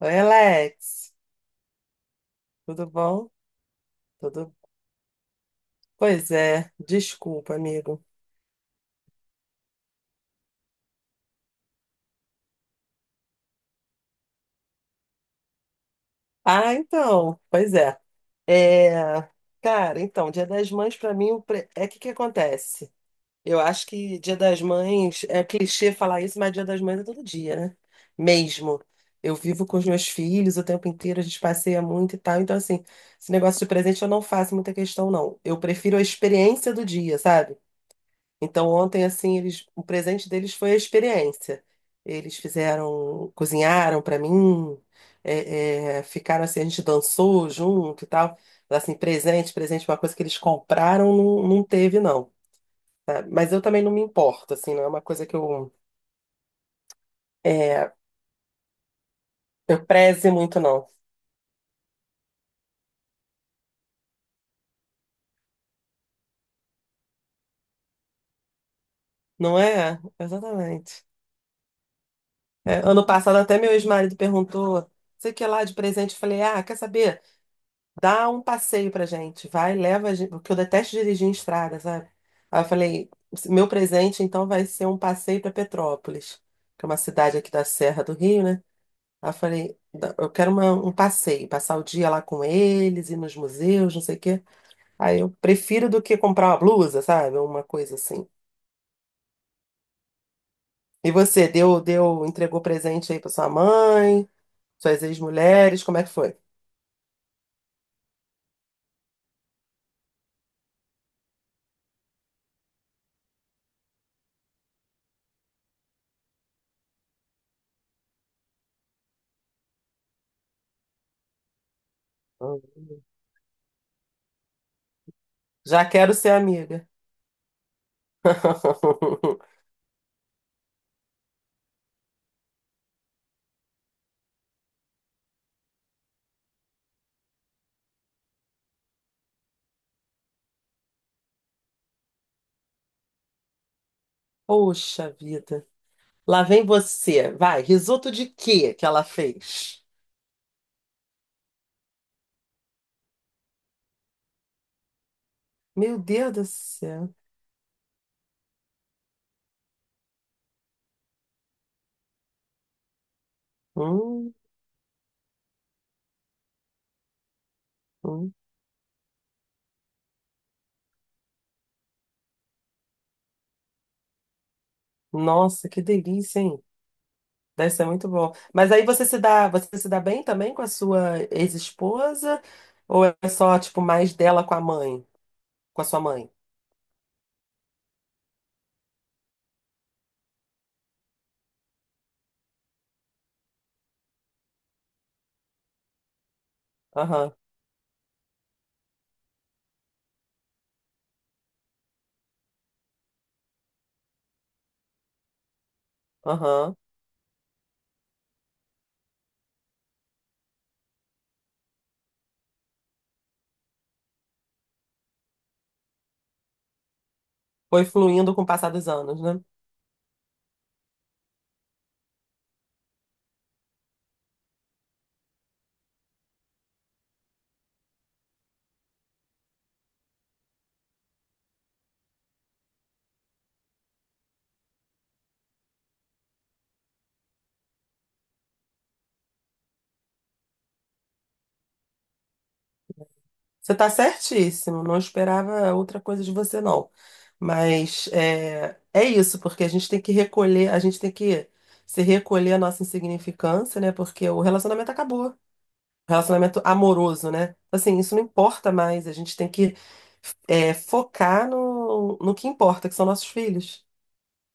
Oi, Alex. Tudo bom? Tudo. Pois é, desculpa, amigo. Ah, então, pois é. É, cara, então, Dia das Mães pra mim é que acontece? Eu acho que Dia das Mães é clichê falar isso, mas Dia das Mães é todo dia, né? Mesmo. Eu vivo com os meus filhos o tempo inteiro, a gente passeia muito e tal. Então, assim, esse negócio de presente eu não faço muita questão, não. Eu prefiro a experiência do dia, sabe? Então, ontem, assim, eles, o presente deles foi a experiência. Eles fizeram, cozinharam para mim, ficaram assim, a gente dançou junto e tal. Mas, assim, presente, uma coisa que eles compraram, não, não teve, não, tá? Mas eu também não me importo, assim, não é uma coisa que eu, é, eu preze muito, não. Não é? Exatamente. É, ano passado, até meu ex-marido perguntou, sei o que é lá de presente, eu falei, ah, quer saber? Dá um passeio pra gente, vai, leva a gente, porque eu detesto dirigir em estrada, sabe? Aí eu falei, meu presente então vai ser um passeio pra Petrópolis, que é uma cidade aqui da Serra do Rio, né? Aí eu falei, eu quero um passeio, passar o dia lá com eles, ir nos museus, não sei o quê. Aí eu prefiro do que comprar uma blusa, sabe? Uma coisa assim. E você, deu, entregou presente aí pra sua mãe, suas ex-mulheres, como é que foi? Já quero ser amiga. Poxa vida. Lá vem você. Vai, risoto de quê que ela fez? Meu Deus do céu. Hum, hum. Nossa, que delícia, hein? Deve ser muito bom. Mas aí você se dá bem também com a sua ex-esposa? Ou é só, tipo, mais dela com a mãe? Com a sua mãe. Aham, aham. Foi fluindo com o passar dos anos, né? Você tá certíssimo, não esperava outra coisa de você, não. Mas é, é isso, porque a gente tem que se recolher a nossa insignificância, né? Porque o relacionamento acabou. Relacionamento amoroso, né? Então, assim, isso não importa mais. A gente tem que é, focar no que importa, que são nossos filhos,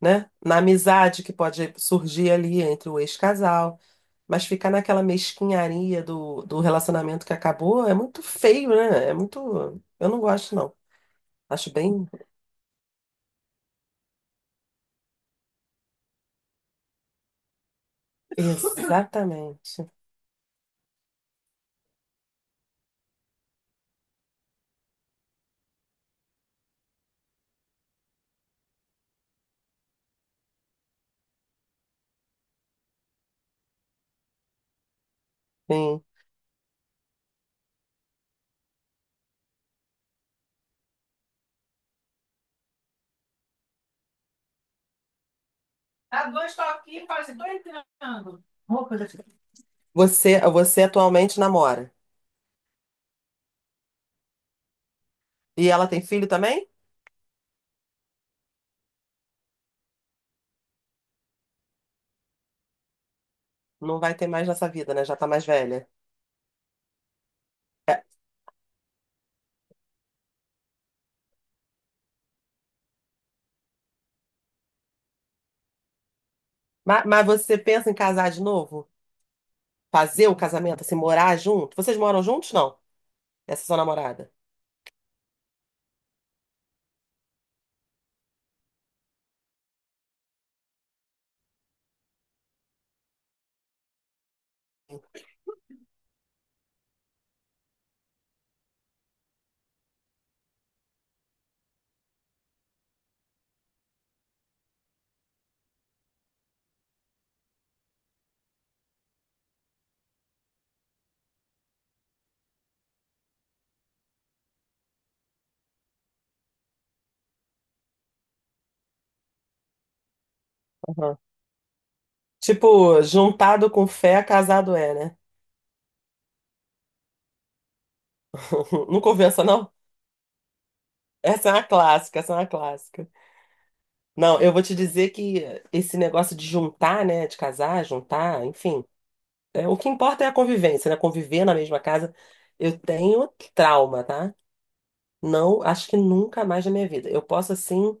né? Na amizade que pode surgir ali entre o ex-casal. Mas ficar naquela mesquinharia do relacionamento que acabou é muito feio, né? É muito. Eu não gosto, não. Acho bem. Exatamente. Sim. Dá dois toquinhos, fala assim, tô entrando. Roupa da você atualmente namora. E ela tem filho também? Não vai ter mais nessa vida, né? Já tá mais velha. É. Mas, você pensa em casar de novo? Fazer o casamento, assim, morar junto? Vocês moram juntos, não? Essa é sua namorada? Aham. Tipo, juntado com fé, casado é, né? Não convença, não? Essa é uma clássica, essa é uma clássica. Não, eu vou te dizer que esse negócio de juntar, né, de casar, juntar, enfim, é, o que importa é a convivência, né? Conviver na mesma casa. Eu tenho trauma, tá? Não, acho que nunca mais na minha vida. Eu posso assim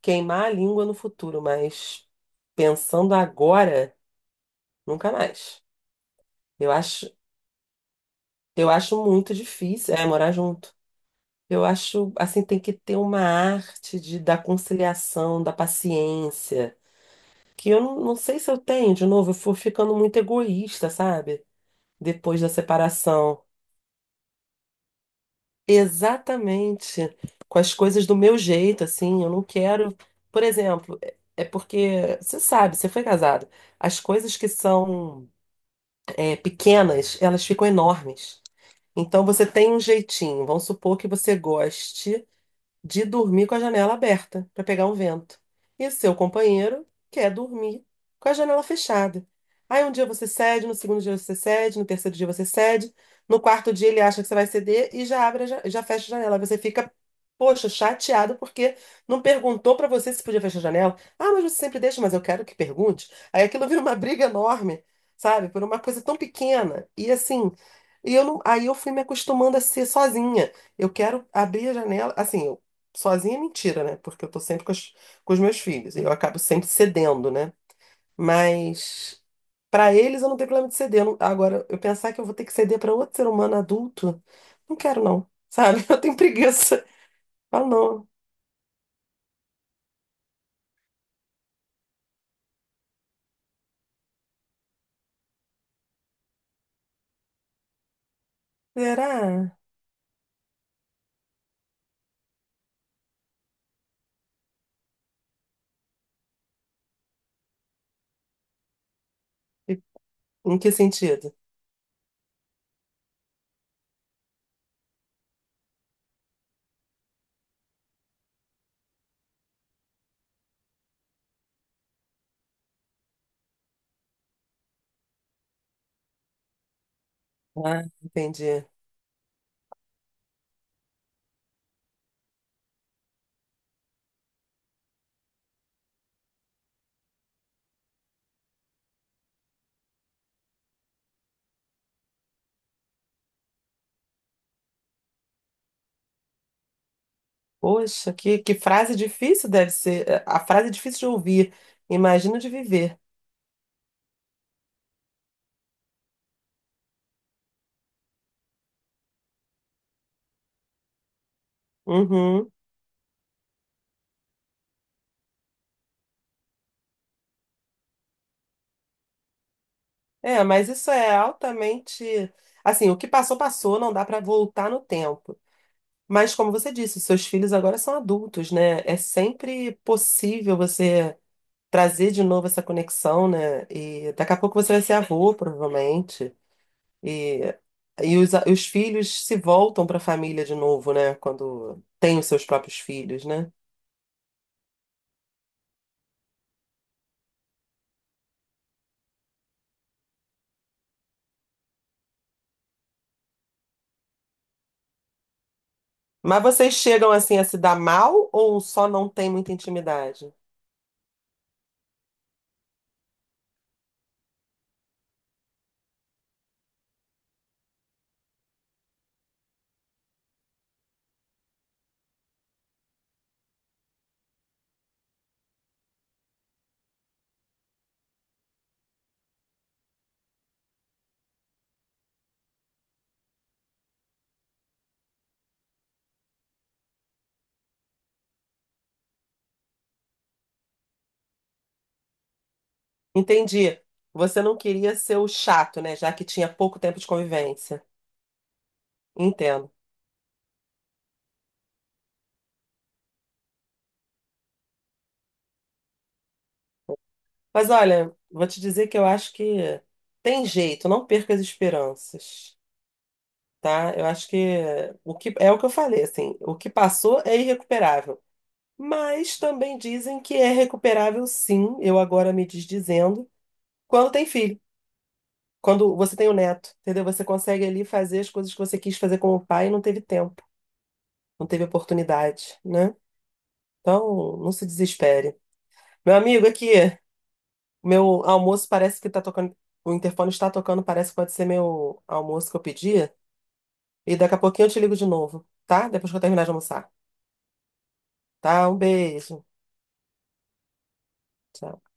queimar a língua no futuro, mas pensando agora, nunca mais. Eu acho, eu acho muito difícil, é, morar junto. Eu acho assim tem que ter uma arte de da conciliação, da paciência, que eu não sei se eu tenho, de novo, eu fui ficando muito egoísta, sabe? Depois da separação. Exatamente. Com as coisas do meu jeito, assim, eu não quero. Por exemplo, é porque, você sabe, você foi casado. As coisas que são é, pequenas, elas ficam enormes. Então você tem um jeitinho. Vamos supor que você goste de dormir com a janela aberta para pegar um vento. E seu companheiro quer dormir com a janela fechada. Aí um dia você cede, no segundo dia você cede, no terceiro dia você cede, no quarto dia ele acha que você vai ceder e já abre, fecha a janela. Você fica, poxa, chateado porque não perguntou para você se podia fechar a janela. Ah, mas você sempre deixa, mas eu quero que pergunte. Aí aquilo vira uma briga enorme, sabe? Por uma coisa tão pequena. E assim, e eu não, aí eu fui me acostumando a ser sozinha. Eu quero abrir a janela, assim. Sozinha é mentira, né? Porque eu tô sempre com os meus filhos e eu acabo sempre cedendo, né? Mas pra eles eu não tenho problema de ceder. Eu não- Agora, eu pensar que eu vou ter que ceder pra outro ser humano adulto, não quero não, sabe? Eu tenho preguiça. Falo, não. Será? E em que sentido? Ah, entendi. Poxa, que frase difícil deve ser. A frase é difícil de ouvir. Imagino de viver. Uhum. É, mas isso é altamente. Assim, o que passou, passou, não dá para voltar no tempo. Mas, como você disse, seus filhos agora são adultos, né? É sempre possível você trazer de novo essa conexão, né? E daqui a pouco você vai ser avô, provavelmente. E, e os filhos se voltam para a família de novo, né? Quando têm os seus próprios filhos, né? Mas vocês chegam assim a se dar mal ou só não tem muita intimidade? Entendi. Você não queria ser o chato, né? Já que tinha pouco tempo de convivência. Entendo. Mas olha, vou te dizer que eu acho que tem jeito, não perca as esperanças, tá? Eu acho que o que eu falei, assim, o que passou é irrecuperável. Mas também dizem que é recuperável, sim. Eu agora me desdizendo quando tem filho, quando você tem o neto, entendeu? Você consegue ali fazer as coisas que você quis fazer com o pai e não teve tempo, não teve oportunidade, né? Então, não se desespere. Meu amigo, aqui, meu almoço parece que tá tocando, o interfone está tocando, parece que pode ser meu almoço que eu pedi. E daqui a pouquinho eu te ligo de novo, tá? Depois que eu terminar de almoçar. Tá? Um beijo. Tchau.